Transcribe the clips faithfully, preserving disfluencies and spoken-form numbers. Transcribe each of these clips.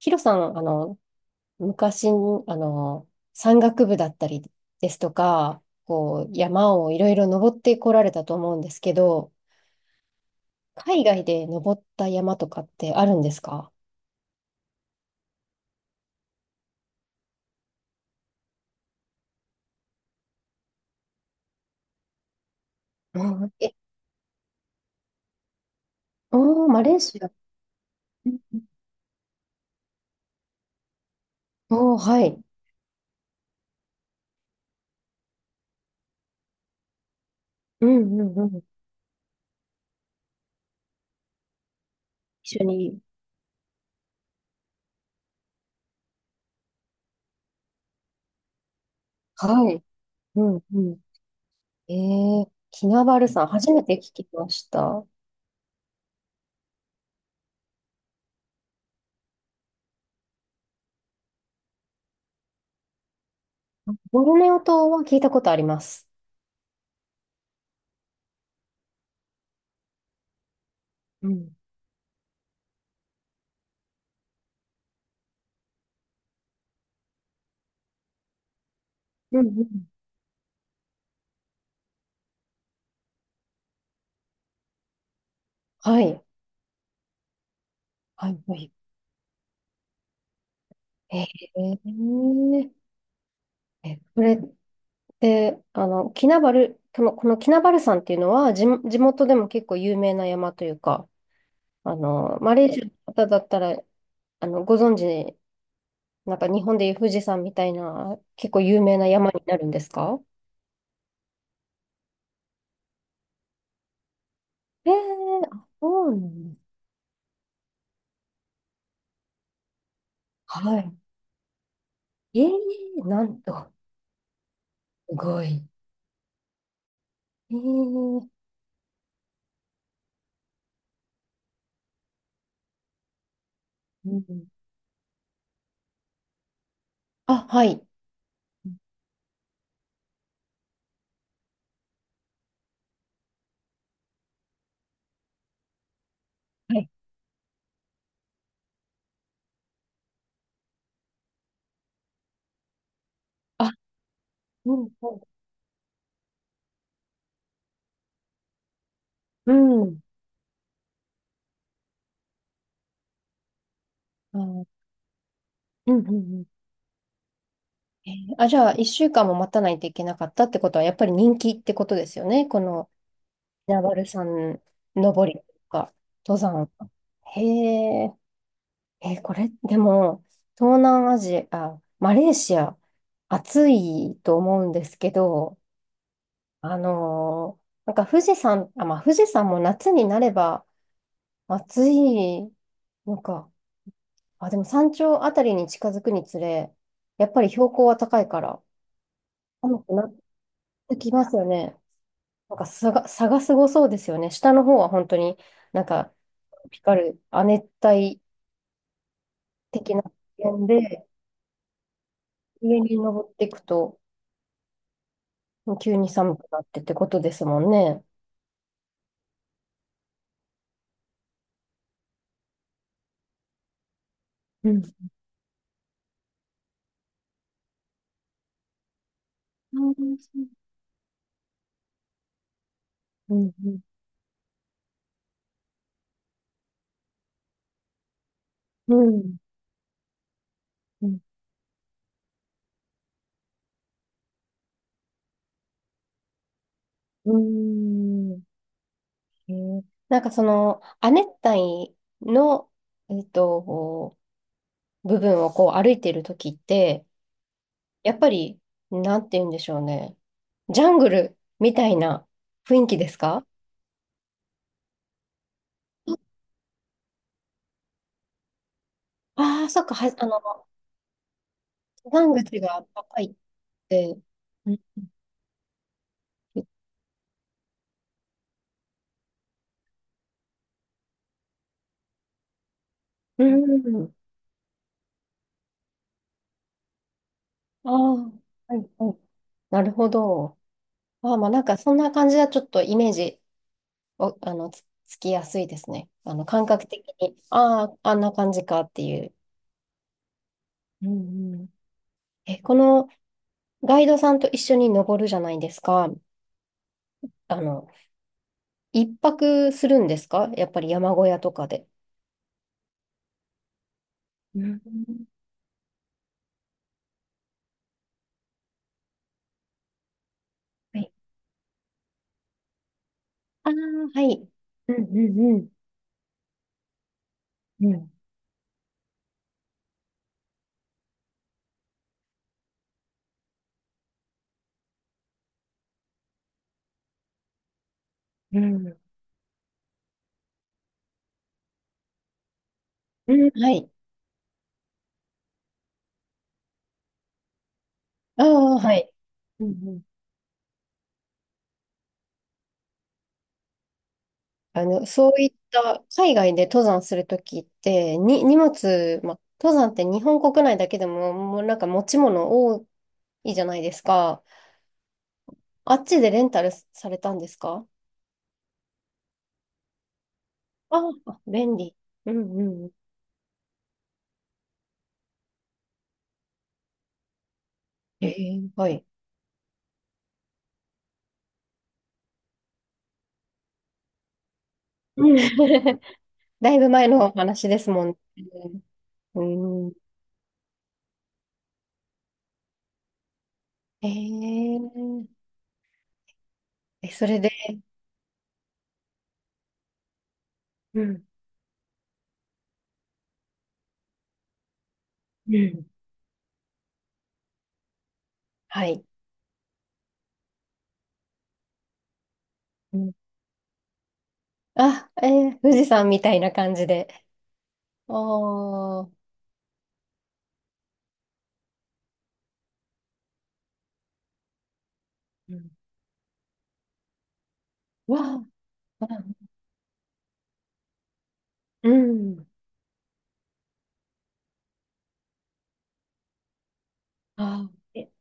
ヒロさん、あの、昔、あの、山岳部だったりですとか、こう、山をいろいろ登ってこられたと思うんですけど、海外で登った山とかってあるんですか？あえ、おー、マレーシア。うんうん。おー、はい。うんうんうん。一緒に、はい。うんうん。えー、キナバルさん、初めて聞きました。ボルネオ島は聞いたことあります。うん、うんうん。はい。はい。はい。えーえ、これって、あの、キナバル、この、このキナバル山っていうのは、地、地元でも結構有名な山というか、あの、マレーシアの方だったら、あの、ご存知、なんか日本でいう富士山みたいな、結構有名な山になるんですか？えー、あ、そうなんです。はい。えー、なんと、すごい。えー、うん、あ、はい。はい。あ、うん、うん、うん、あ、うん、うんうん。えーあ、じゃあ、一週間も待たないといけなかったってことは、やっぱり人気ってことですよね。この、ナバル山登りとか、登山。へえ、えー、これ、でも、東南アジア、マレーシア、暑いと思うんですけど、あのーなんか富士山、あ、まあ、富士山も夏になれば暑いのか。あ、でも山頂あたりに近づくにつれ、やっぱり標高は高いから、寒くなってきますよね。なんか差が、差がすごそうですよね。下の方は本当になんか、ピカル、亜熱帯的な点で、上に登っていくと、急に寒くなってってことですもんね。うん。うんうんうん。うん。うんうん。へえ。なんかその、亜熱帯の、えっと、部分をこう歩いているときって、やっぱり、なんて言うんでしょうね。ジャングルみたいな雰囲気ですか？ああ、そっか、は、あの、登山口が高いって。うん。うん。ああ、はい、はい。なるほど。ああ、まあなんかそんな感じはちょっとイメージを、あの、つ、つきやすいですね。あの、感覚的に、ああ、あんな感じかっていう。うんうん。え、このガイドさんと一緒に登るじゃないですか。あの、一泊するんですか？やっぱり山小屋とかで。うん。はい。ああ、はい。うんうんうん。うん。うんうん。はい。ああ、はい。うんうん。あの、そういった海外で登山するときって、に、荷物、ま、登山って日本国内だけでも、もうなんか持ち物多いじゃないですか。あっちでレンタルされたんですか？ああ、便利。うんうん。ええ、はい。うん。 だいぶ前のお話ですもんね。うん。ええ、えそれで、うん。うん。はい。うん。あ、えー富士山みたいな感じで。ああ、わうん。あ、うん。あーえ、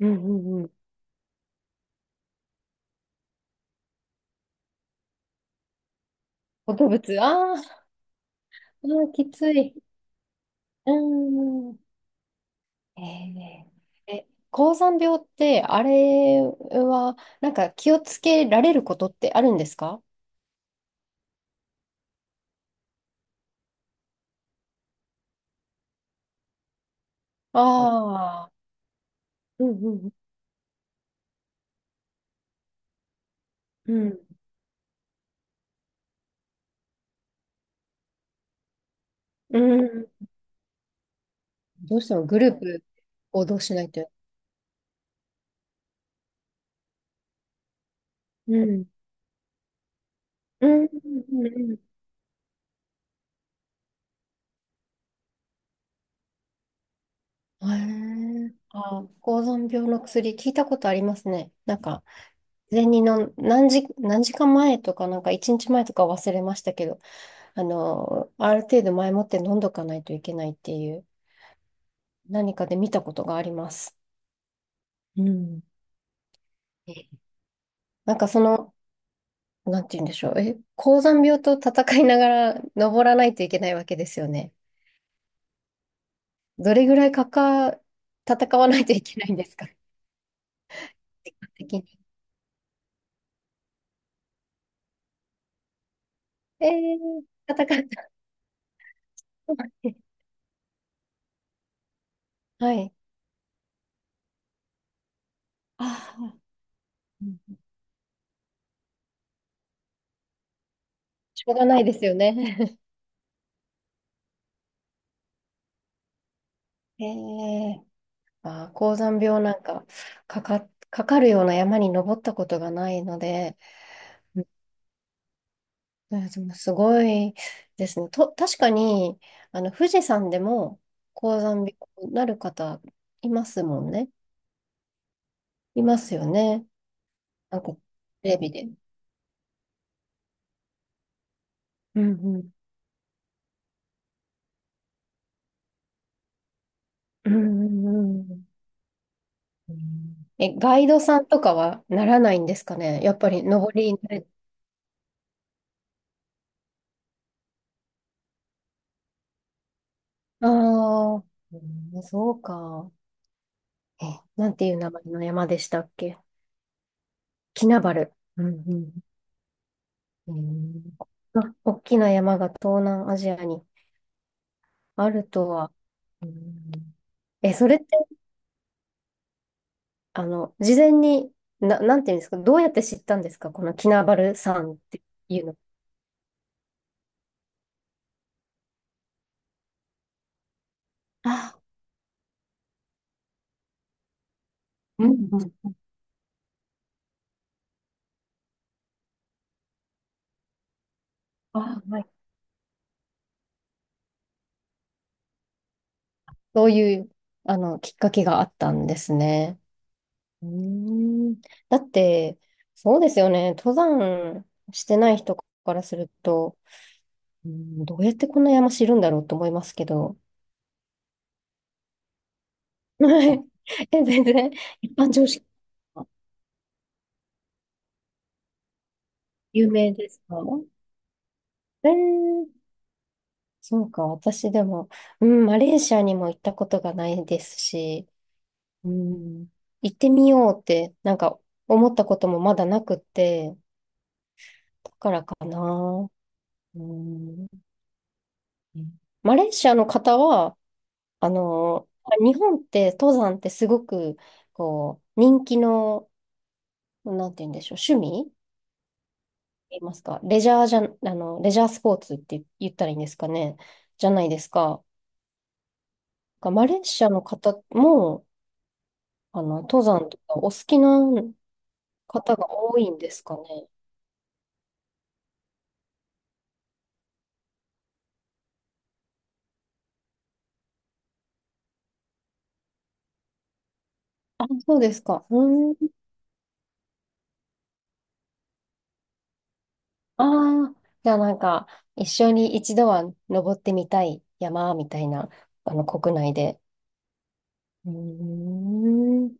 うんうんうん。動物、あー。あー、きつい。うん。えー、え、高山病って、あれは、なんか気をつけられることってあるんですか？ああー、うんうんうん。うん。どうしてもグループ行動しないと。うん。うんうんうんうん。へえ、あー、高山病の薬、聞いたことありますね。なんか、前にの何時、何時間前とか、なんかいちにちまえとか忘れましたけど、あの、ある程度前もって飲んどかないといけないっていう、何かで見たことがあります。うん。えなんかその、なんて言うんでしょう。え、高山病と戦いながら登らないといけないわけですよね。どれぐらいかか、戦わないといけないんですか？時間的に。えー、戦った。はい。ああ、しょうがないですよね。えー。あー、高山病なんか、かか、かかるような山に登ったことがないので、うんでもすごいですね。と、確かに、あの、富士山でも高山病になる方いますもんね。いますよね。なんか、テレビで。うんうん。うんうんうん。うんえ、ガイドさんとかはならないんですかね。やっぱり登りに慣れ、ああ、うんそうか。え、なんていう名前の山でしたっけ？キナバル。うんうん。うん。あ、大きな山が東南アジアにあるとは。うんえ、それって、あの、事前に、な、なんていうんですか、どうやって知ったんですか、このキナバル山っていうの。あ、うんうん。あ、はい。そういう、あの、きっかけがあったんですね。うーん。だって、そうですよね、登山してない人からすると、うん、どうやってこんな山知るんだろうと思いますけど、はい。え、全然、一般常識が有名ですか？えー、そうか、私でも、うん、マレーシアにも行ったことがないですし、うん、行ってみようって、なんか思ったこともまだなくて、だからかな。うん、マレーシアの方は、あの、日本って登山ってすごく、こう、人気の、なんて言うんでしょう、趣味言いますか、レジャーじゃ、あの、レジャースポーツって言ったらいいんですかね、じゃないですか。がマレーシアの方も、あの、登山とかお好きな方が多いんですかね。あ、そうですか。うん。ああ、じゃあなんか、一緒に一度は登ってみたい山みたいな、あの、国内で。うーん。